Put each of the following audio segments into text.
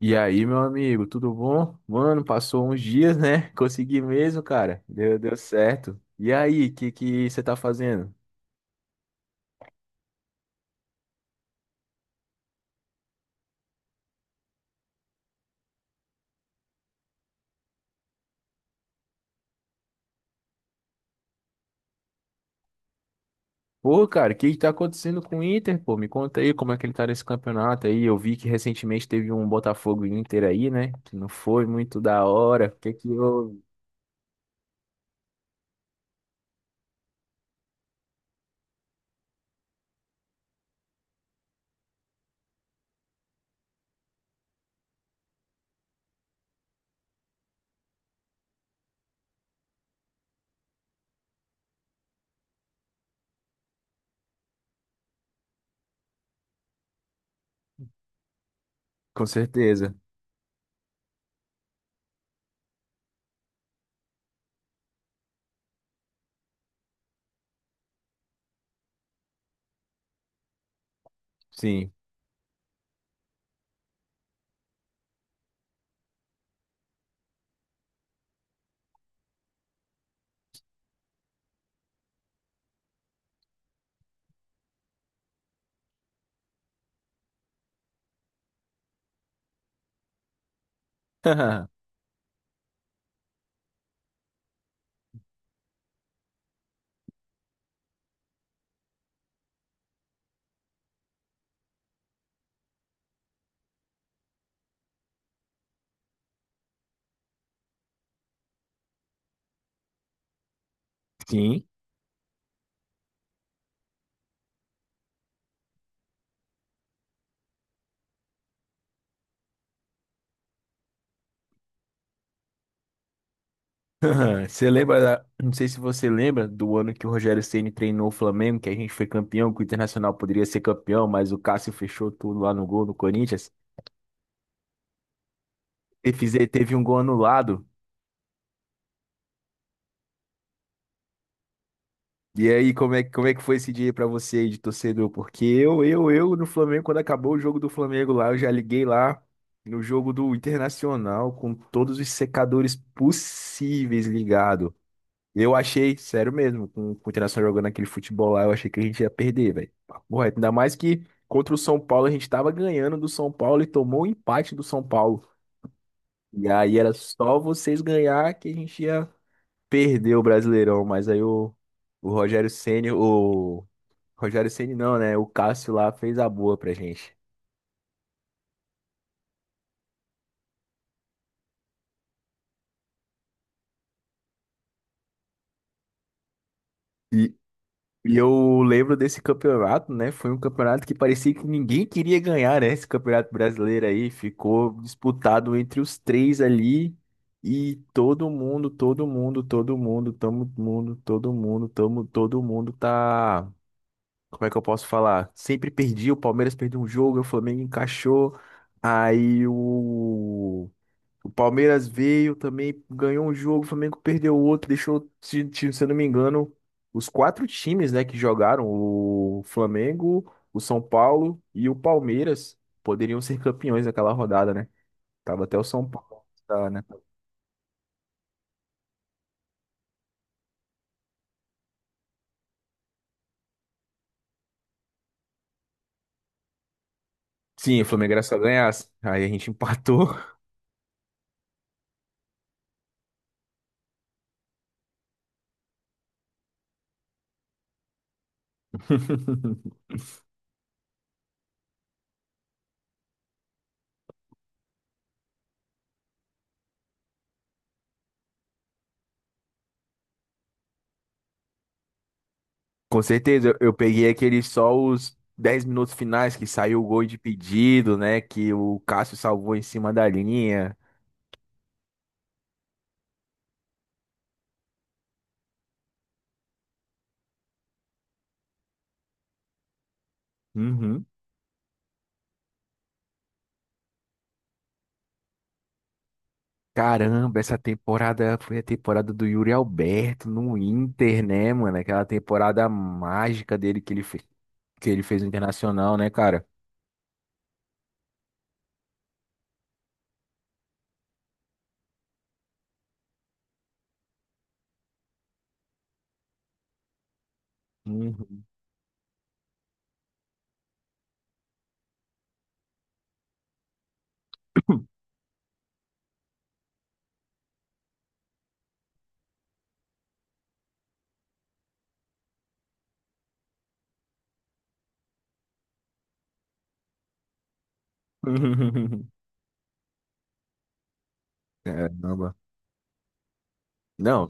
E aí, meu amigo, tudo bom? Mano, passou uns dias, né? Consegui mesmo, cara. Deu certo. E aí, o que que você tá fazendo? Pô, cara, o que que tá acontecendo com o Inter, pô? Me conta aí como é que ele tá nesse campeonato aí. Eu vi que recentemente teve um Botafogo e Inter aí, né? Que não foi muito da hora. O que que eu... Com certeza. Sim. Sim. Você lembra, não sei se você lembra do ano que o Rogério Ceni treinou o Flamengo, que a gente foi campeão, que o Internacional poderia ser campeão, mas o Cássio fechou tudo lá no gol no Corinthians. Teve um gol anulado. E aí, como é que foi esse dia aí pra você aí de torcedor? Porque eu no Flamengo, quando acabou o jogo do Flamengo lá, eu já liguei lá no jogo do Internacional com todos os secadores possíveis ligado. Eu achei, sério mesmo, com o Internacional jogando aquele futebol lá, eu achei que a gente ia perder, velho. Papo reto. Ainda mais que contra o São Paulo a gente tava ganhando do São Paulo e tomou o empate do São Paulo. E aí era só vocês ganhar que a gente ia perder o Brasileirão. Mas aí o Rogério Ceni, o Rogério Ceni não, né? O Cássio lá fez a boa pra gente. E E eu lembro desse campeonato, né? Foi um campeonato que parecia que ninguém queria ganhar, né? Esse campeonato brasileiro aí ficou disputado entre os três ali e todo mundo tá. Como é que eu posso falar? Sempre perdi, o Palmeiras perdeu um jogo, o Flamengo encaixou, aí o Palmeiras veio também, ganhou um jogo, o Flamengo perdeu outro, deixou, se eu não me engano, os quatro times, né, que jogaram, o Flamengo, o São Paulo e o Palmeiras, poderiam ser campeões daquela rodada, né? Tava até o São Paulo, tá, né? Sim, o Flamengo era só ganhar, aí a gente empatou. Com certeza, eu peguei aqueles só os 10 minutos finais que saiu o gol de pedido, né, que o Cássio salvou em cima da linha. Uhum. Caramba, essa temporada foi a temporada do Yuri Alberto no Inter, né, mano? Aquela temporada mágica dele que ele fez no Internacional, né, cara? Uhum. Caramba. Não,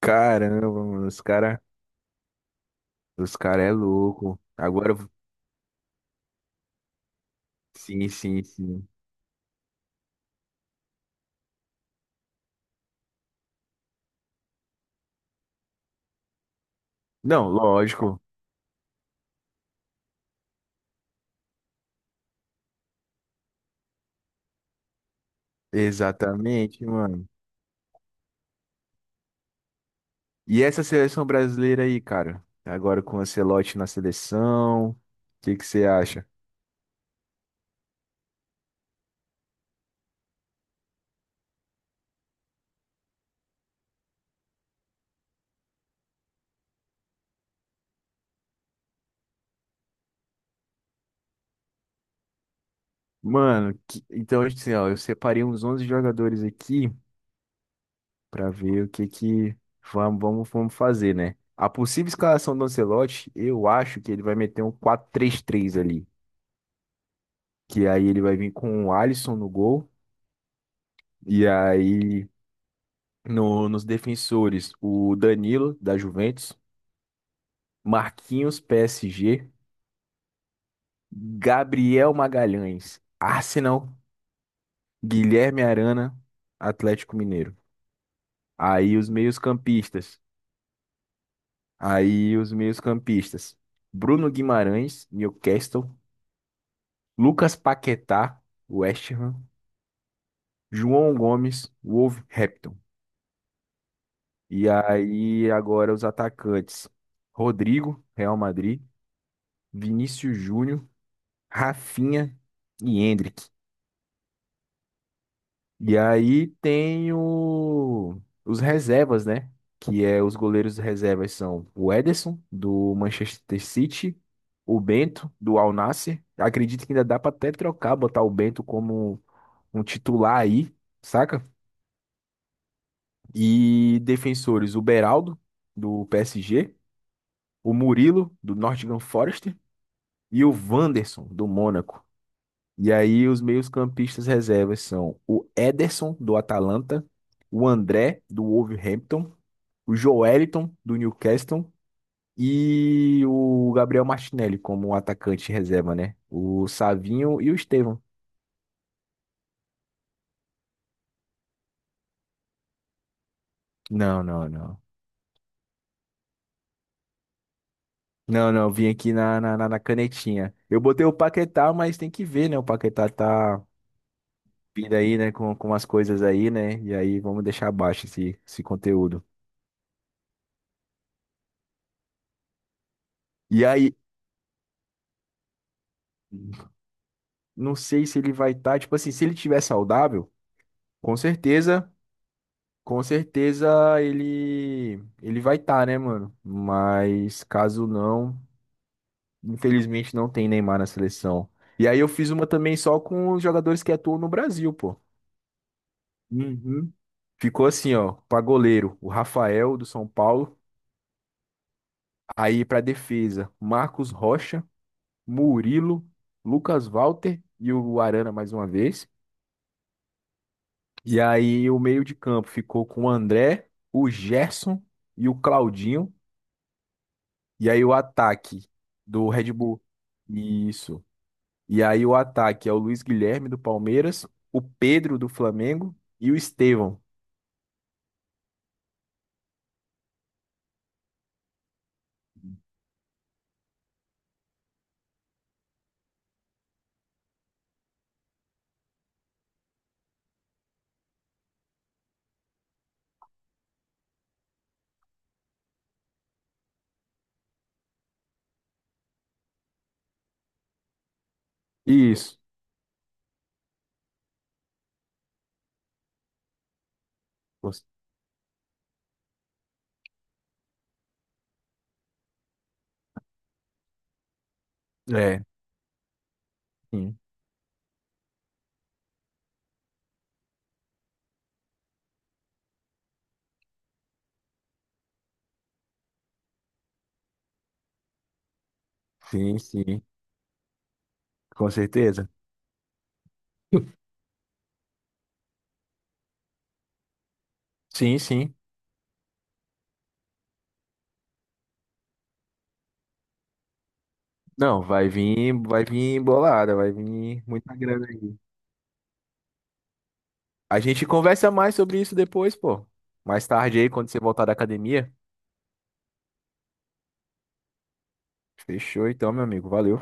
caramba, mano, os cara é louco. Agora, sim, sim, sim. Não, lógico. Exatamente, mano. E essa seleção brasileira aí, cara? Agora com o Ancelotti na seleção, o que que você acha? Mano, então assim, ó, eu separei uns 11 jogadores aqui pra ver o que que vamos fazer, né? A possível escalação do Ancelotti, eu acho que ele vai meter um 4-3-3 ali, que aí ele vai vir com o Alisson no gol e aí nos defensores o Danilo da Juventus, Marquinhos PSG, Gabriel Magalhães, Arsenal, Guilherme Arana, Atlético Mineiro. Aí os meios-campistas Aí os meios-campistas: Bruno Guimarães, Newcastle, Lucas Paquetá, West Ham, João Gomes, Wolverhampton. E aí agora os atacantes: Rodrigo, Real Madrid, Vinícius Júnior, Rafinha e Endrick. E aí tem os reservas, né? Que é os goleiros reservas são o Ederson, do Manchester City, o Bento, do Al Nassr. Acredito que ainda dá pra até trocar, botar o Bento como um titular aí, saca? E defensores, o Beraldo, do PSG, o Murilo, do Nottingham Forest, e o Wanderson, do Mônaco. E aí os meios-campistas reservas são o Ederson, do Atalanta, o André, do Wolverhampton, o Joelinton, do Newcastle, e o Gabriel Martinelli como atacante reserva, né? O Savinho e o Estevão. Não, não, não. Não, não, vim aqui na canetinha. Eu botei o Paquetá, mas tem que ver, né? O Paquetá tá vindo aí, né? Com as coisas aí, né? E aí vamos deixar abaixo esse conteúdo. E aí. Não sei se ele vai estar, tipo assim, se ele tiver saudável, com certeza, com certeza ele vai estar, né, mano? Mas caso não, infelizmente não tem Neymar na seleção. E aí eu fiz uma também só com os jogadores que atuam no Brasil, pô. Uhum. Ficou assim, ó, pra goleiro, o Rafael do São Paulo, aí pra defesa, Marcos Rocha, Murilo, Lucas Walter e o Arana mais uma vez. E aí o meio de campo ficou com o André, o Gerson e o Claudinho. E aí o ataque do Red Bull. Isso. E aí o ataque é o Luiz Guilherme do Palmeiras, o Pedro do Flamengo e o Estevão. Isso. Você- É, sim, sim, sim, com certeza. Sim, sim. Não, vai vir bolada, vai vir muita grana aí. A gente conversa mais sobre isso depois, pô. Mais tarde aí, quando você voltar da academia. Fechou então, meu amigo. Valeu.